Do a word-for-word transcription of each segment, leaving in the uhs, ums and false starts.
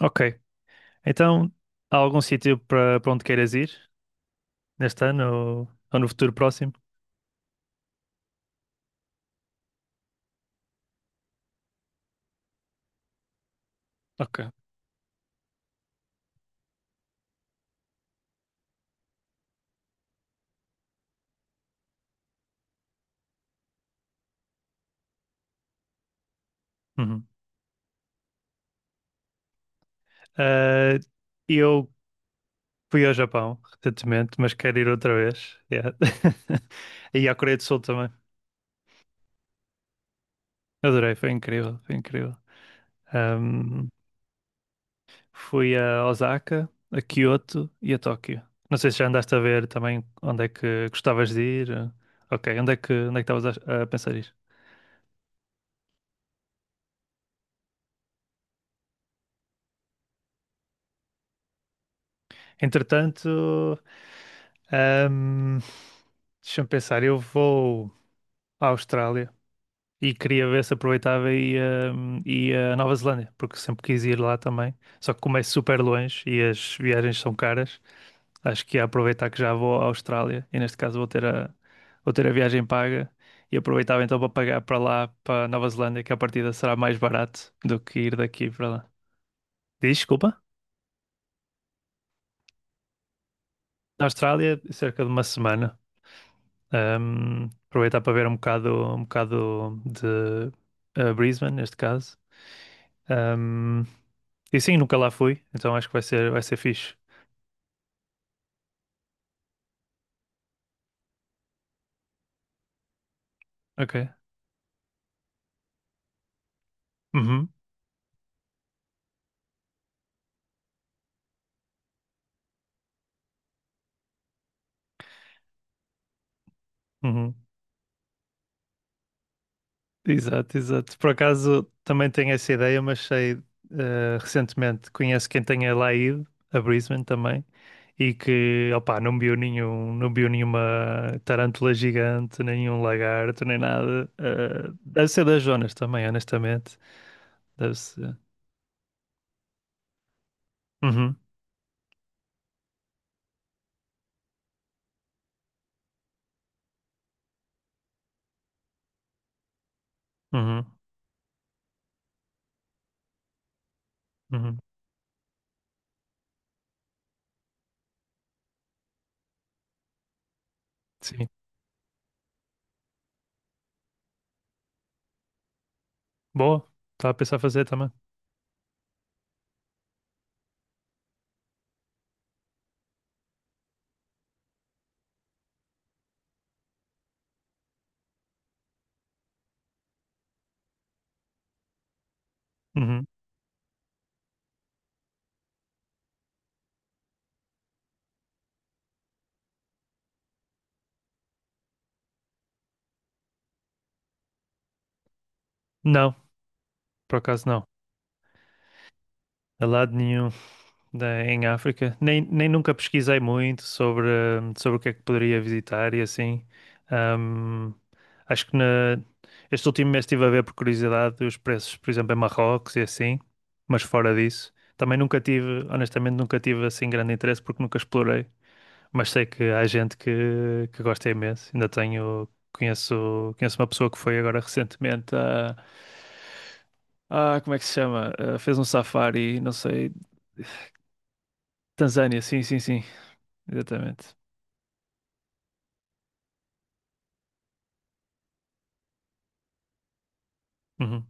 Ok. Então, há algum sítio para para onde queiras ir neste ano ou, ou no futuro próximo? Ok. Uhum. Ah, eu fui ao Japão recentemente, mas quero ir outra vez. Yeah. E à Coreia do Sul também. Adorei, foi incrível, foi incrível. Ahm, Fui a Osaka, a Kyoto e a Tóquio. Não sei se já andaste a ver também onde é que gostavas de ir. eh, Ok, onde é que onde é que estavas a, a pensar ir? Entretanto, deixa-me pensar, eu vou à Austrália e queria ver se aproveitava e ia, ia à Nova Zelândia, porque sempre quis ir lá também. Só que como é super longe e as viagens são caras, acho que ia aproveitar que já vou à Austrália e neste caso vou ter a, vou ter a viagem paga e aproveitava então para pagar para lá, para Nova Zelândia, que a partida será mais barato do que ir daqui para lá. Diz, desculpa? Na Austrália, cerca de uma semana. Ahm, aproveitar para ver um bocado, um bocado de eh, Brisbane, neste caso. Ahm, e sim, nunca lá fui, então acho que vai ser, vai ser fixe. Ok. Uhum, uhum. Exato, exato. Por acaso também tenho essa ideia, mas sei eh, recentemente, conheço quem tenha lá ido, a Brisbane também, e que, opá, não viu nenhum, não viu nenhuma tarântula gigante, nenhum lagarto, nem nada. Eh, deve ser das zonas também, honestamente. Deve ser. Uhum, uhum, uhum. Sim. Boa. Estava a pensar fazer também. Uhum. Não, por acaso não. A lado nenhum da- em África. Nem, nem nunca pesquisei muito sobre, hum, sobre o que é que poderia visitar e assim. Hum, acho que na, este último mês estive a ver por curiosidade os preços, por exemplo, em Marrocos e assim, mas fora disso. Também nunca tive, honestamente, nunca tive assim grande interesse porque nunca explorei. Mas sei que há gente que, que gosta imenso. Ainda tenho, conheço, conheço uma pessoa que foi agora recentemente a. Ah, como é que se chama? Ah, fez um safari, não sei, Tanzânia, sim, sim, sim, exatamente. Uhum,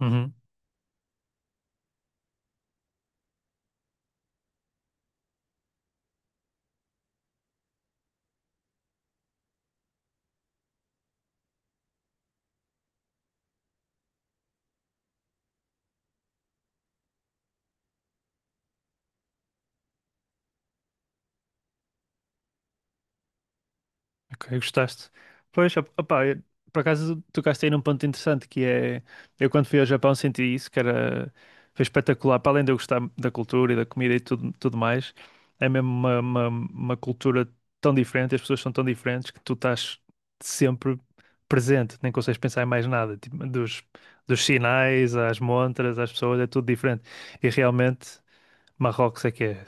uhum. Ok, gostaste. Pois, op- opá, eu- por acaso tocaste aí num ponto interessante que é, eu quando fui ao Japão senti isso, que era, foi espetacular, para além de eu gostar da cultura e da comida e tudo, tudo mais, é mesmo uma, uma, uma cultura tão diferente, as pessoas são tão diferentes que tu estás sempre presente, nem consegues pensar em mais nada, tipo, dos, dos sinais, às montras, às pessoas, é tudo diferente. E realmente, Marrocos é que é.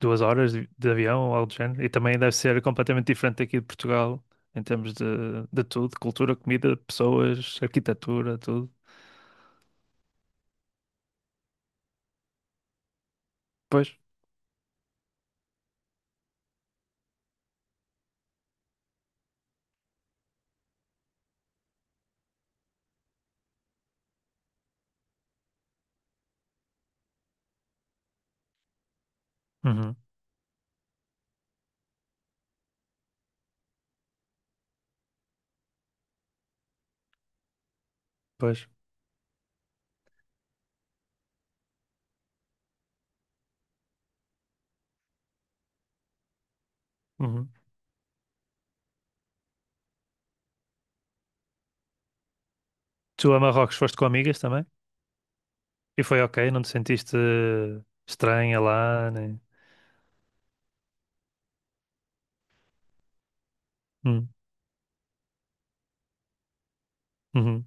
Duas horas de, de avião ou algo do género. E também deve ser completamente diferente aqui de Portugal, em termos de, de tudo, cultura, comida, pessoas, arquitetura, tudo. Pois. Uhum. Pois. Uhum. Tu a Marrocos foste com amigas também? E foi ok? Não te sentiste estranha lá, nem. Hum. Uhum.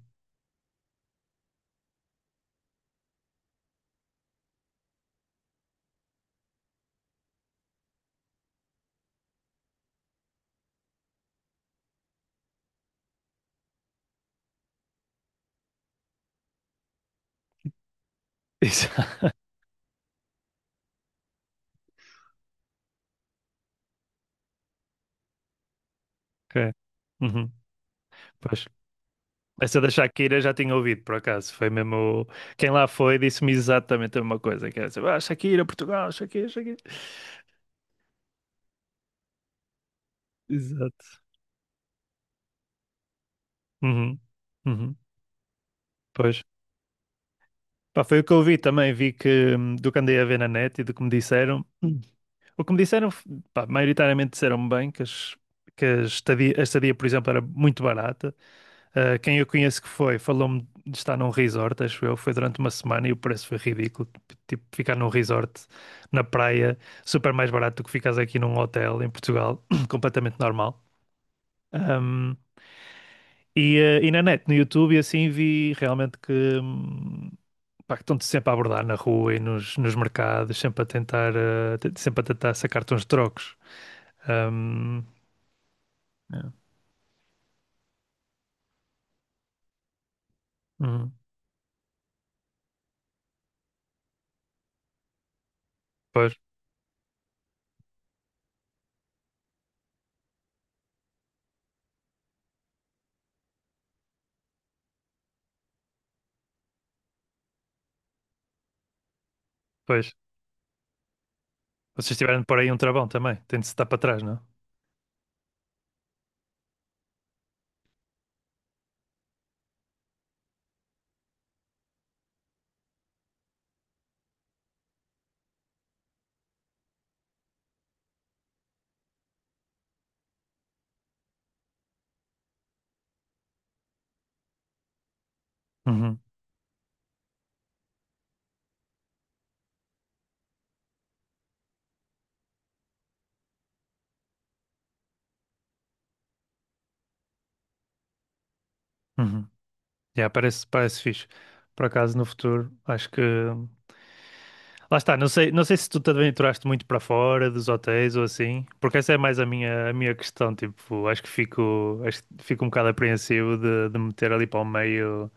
Isso. Ok. Uhum. Pois. Essa da Shakira já tinha ouvido, por acaso. Foi mesmo. Quem lá foi disse-me exatamente a mesma coisa. Que era assim, ah, Shakira, Portugal, Shakira, Shakira. Exato. Uhum. Uhum. Pois. Pá, foi o que eu vi também, vi que hum, do que andei a ver na net e do que me disseram. Hum. O que me disseram, pá, maioritariamente disseram bem que, as, que a estadia, a estadia, por exemplo, era muito barata. Ah, quem eu conheço que foi, falou-me de estar num resort, acho eu, foi durante uma semana e o preço foi ridículo. Tipo, ficar num resort na praia, super mais barato do que ficares aqui num hotel em Portugal, completamente normal. E, eh, e na net, no YouTube, e assim vi realmente que, hum, pá, que estão-te sempre a abordar na rua e nos, nos mercados, sempre a tentar, eh, te- sempre a tentar sacar uns trocos. Hum, é. Uhum. Pois, pois. Vocês tiveram de pôr aí um travão também, tem de se dar para trás, não? Uhum, uhum. Yeah, parece, parece fixe. Por acaso, no futuro, acho que. hum, Lá está, não sei, não sei se tu te aventuraste muito para fora dos hotéis ou assim, porque essa é mais a minha, a minha questão, tipo, acho que fico, acho que fico um bocado apreensivo de, de meter ali para o meio,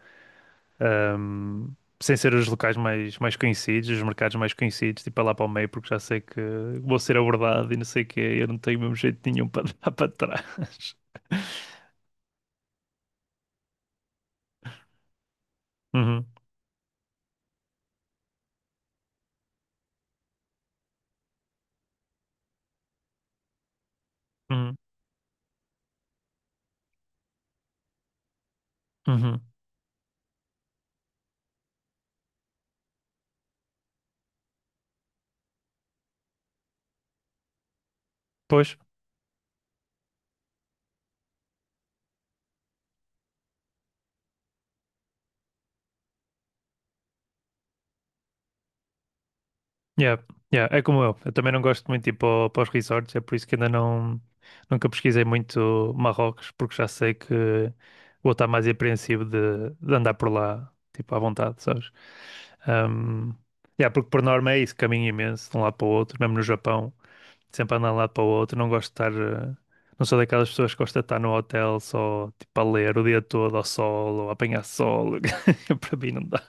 ahm, sem ser os locais mais, mais conhecidos, os mercados mais conhecidos, tipo, é lá para o meio, porque já sei que vou ser abordado e não sei o quê, eu não tenho mesmo jeito nenhum para dar para trás. Uhum, uhum, uhum. Pois, yeah, yeah, é como eu. Eu também não gosto muito de ir para, para os resorts, é por isso que ainda não nunca pesquisei muito Marrocos, porque já sei que vou estar mais apreensivo de, de andar por lá, tipo, à vontade, sabes? Um, yeah, porque por norma é isso, caminho imenso de um lado para o outro, mesmo no Japão, sempre andar de um lado para o outro, não gosto de estar, eh, não sou daquelas pessoas que gosta de estar no hotel só, tipo, a ler o dia todo ao sol ou a apanhar sol, para mim não dá.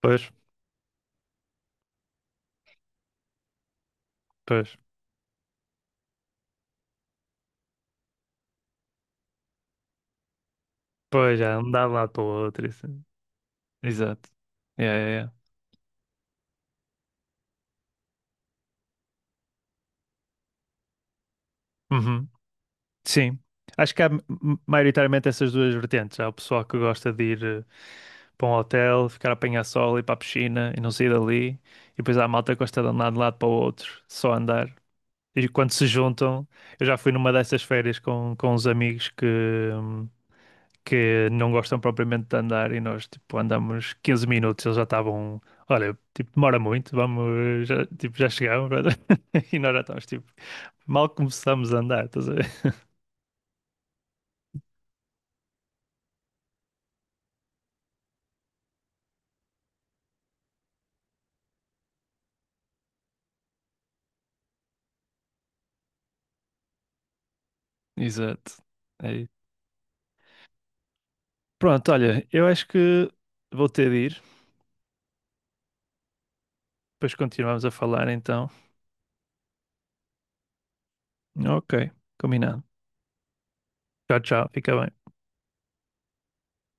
Pois, pois. Pois já, não dá de um lado para o outro. Isso. Exato. Yeah, yeah, yeah. Uhum. Sim. Acho que há m- m- maioritariamente essas duas vertentes. Há o pessoal que gosta de ir eh, para um hotel, ficar a apanhar sol, ir para a piscina e não sair dali. E depois há a malta que gosta de andar de um lado para o outro, só andar. E quando se juntam, eu já fui numa dessas férias com, com uns amigos que, hum, que não gostam propriamente de andar e nós tipo andamos quinze minutos, eles já estavam, olha, tipo demora muito, vamos, já, tipo já chegamos e nós já estamos tipo mal começamos a andar, estás a ver? Exato. É isso. Pronto, olha, eu acho que vou ter de ir, depois continuamos a falar então. Ok, combinado. Tchau, tchau, fica bem.